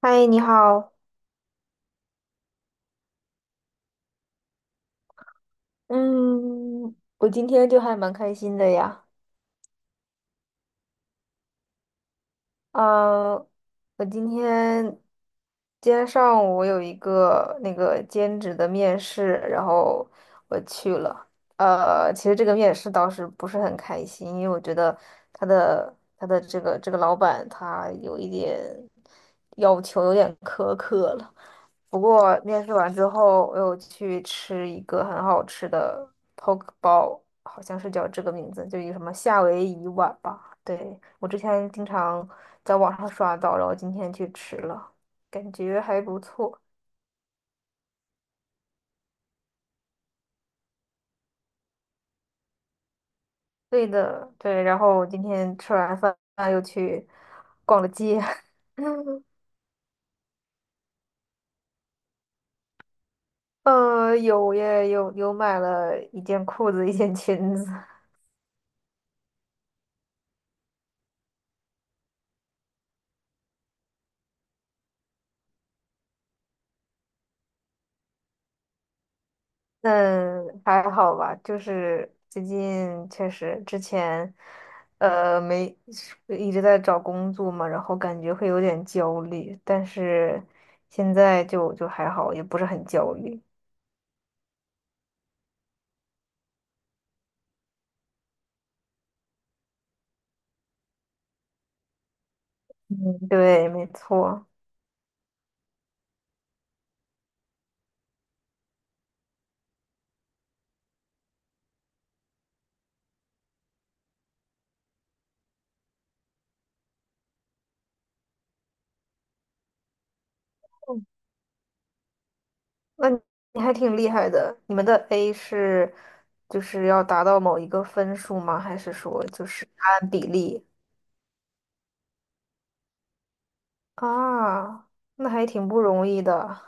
嗨，你好。嗯，我今天就还蛮开心的呀。嗯，我今天今天上午我有一个那个兼职的面试，然后我去了。其实这个面试倒是不是很开心，因为我觉得他的这个老板他有一点要求有点苛刻了。不过面试完之后，我又去吃一个很好吃的 poke 包，好像是叫这个名字，就一个什么夏威夷碗吧。对，我之前经常在网上刷到，然后今天去吃了，感觉还不错。对的，对。然后今天吃完饭又去逛了街。有耶，有买了一件裤子，一件裙子。那还好吧，就是最近确实之前，没一直在找工作嘛，然后感觉会有点焦虑，但是现在就还好，也不是很焦虑。嗯，对，没错。嗯那你还挺厉害的，你们的 A 是就是要达到某一个分数吗？还是说就是按比例啊？那还挺不容易的。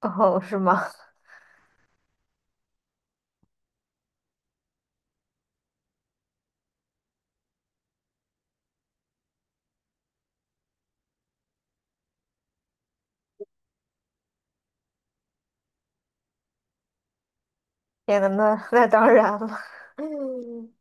哦，是吗？天呐，那当然了。嗯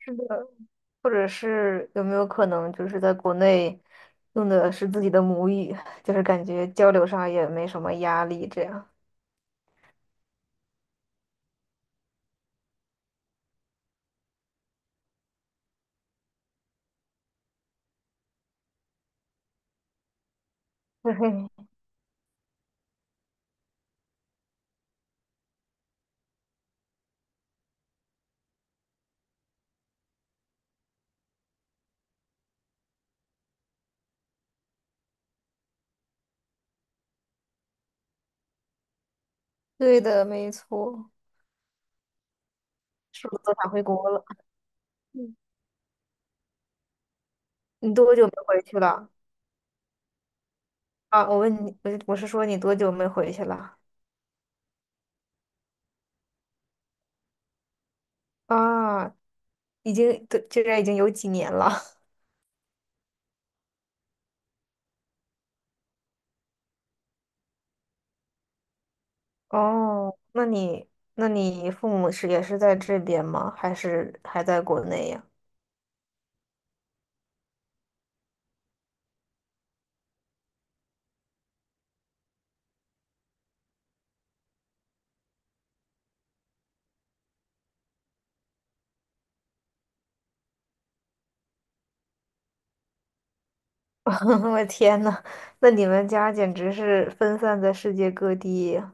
是的，或者是有没有可能就是在国内用的是自己的母语，就是感觉交流上也没什么压力，这样。对，对的，没错。是不是都想回国了？嗯你多久没回去了？啊，我问你，我是说你多久没回去了？啊，已经，对，这边已经有几年了。哦，那你父母是也是在这边吗？还是还在国内呀？我天呐，那你们家简直是分散在世界各地呀。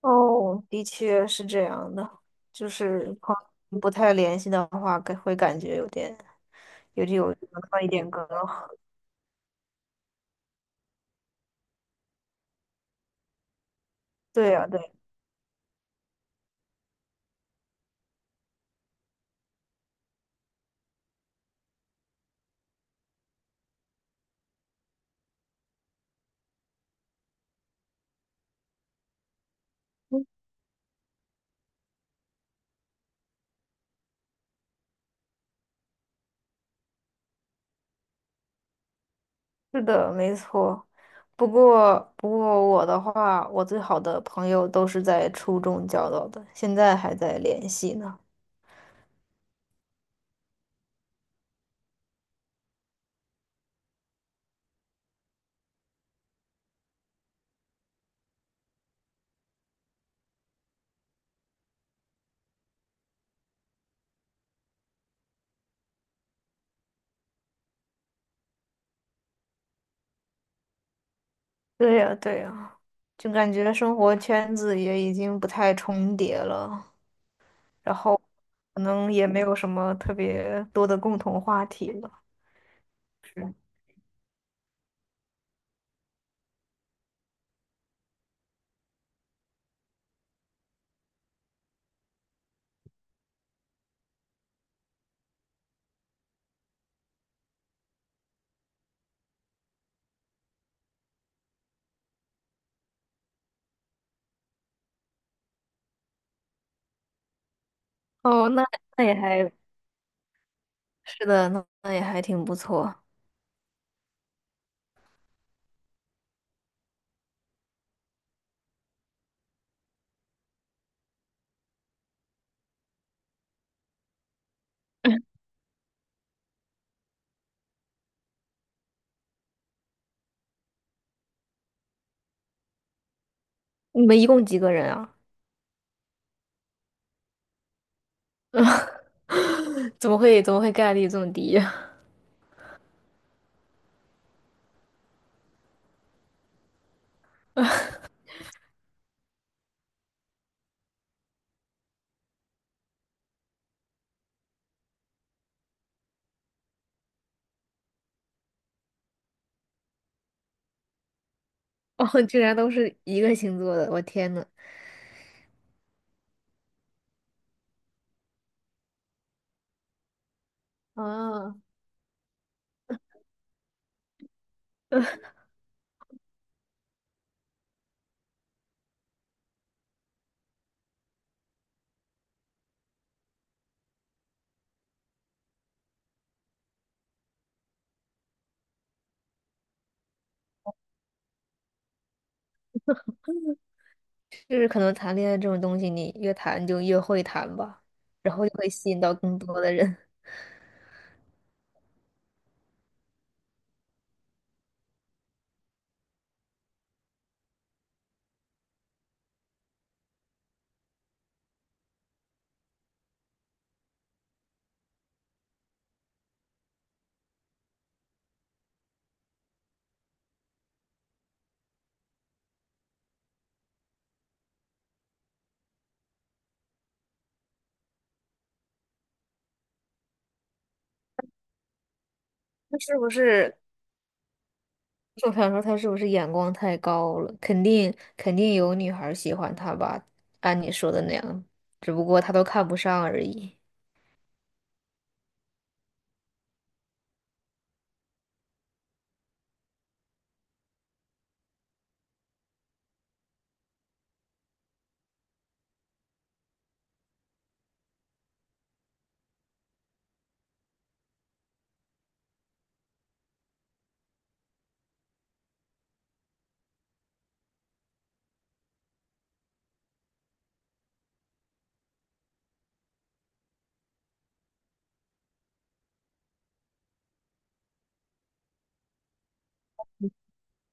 哦，的确是这样的，就是朋友不太联系的话，感会感觉有点有文化一点隔阂。对呀，对。嗯是的，没错。不过我的话，我最好的朋友都是在初中交到的，现在还在联系呢。对呀，对呀，就感觉生活圈子也已经不太重叠了。然后可能也没有什么特别多的共同话题了。是。哦，那也还是的，那也还挺不错。你们一共几个人啊？怎么会概率这么低呀？哦，居然都是一个星座的，我天呐！啊。就是可能谈恋爱这种东西，你越谈就越会谈吧，然后就会吸引到更多的人。那是不是我想说他是不是眼光太高了？肯定有女孩儿喜欢他吧，按你说的那样，只不过他都看不上而已。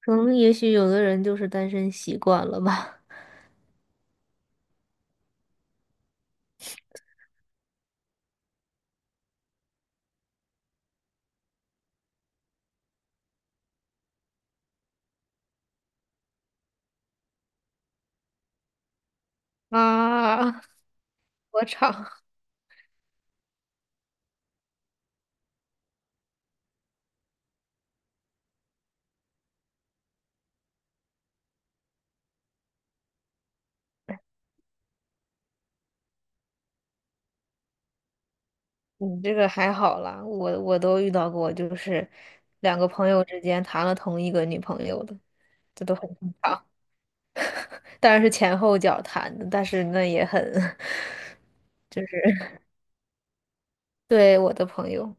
可能也许有的人就是单身习惯了吧。啊，我操！你这个还好啦，我都遇到过，就是两个朋友之间谈了同一个女朋友的，这都很正常。当然是前后脚谈的，但是那也很。就是对我的朋友，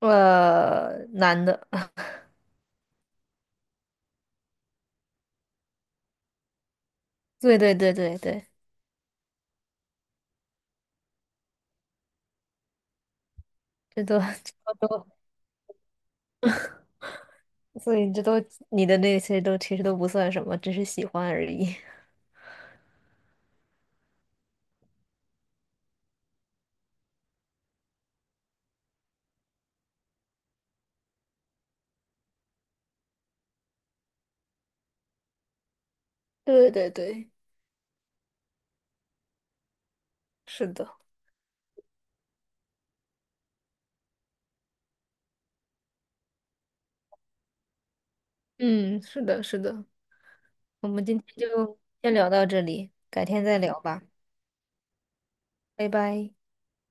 男的。对对对对对，这都。 这都，所以这都你的那些都其实都不算什么，只是喜欢而已。对对对，是的。嗯，是的，是的。我们今天就先聊到这里，改天再聊吧，拜拜。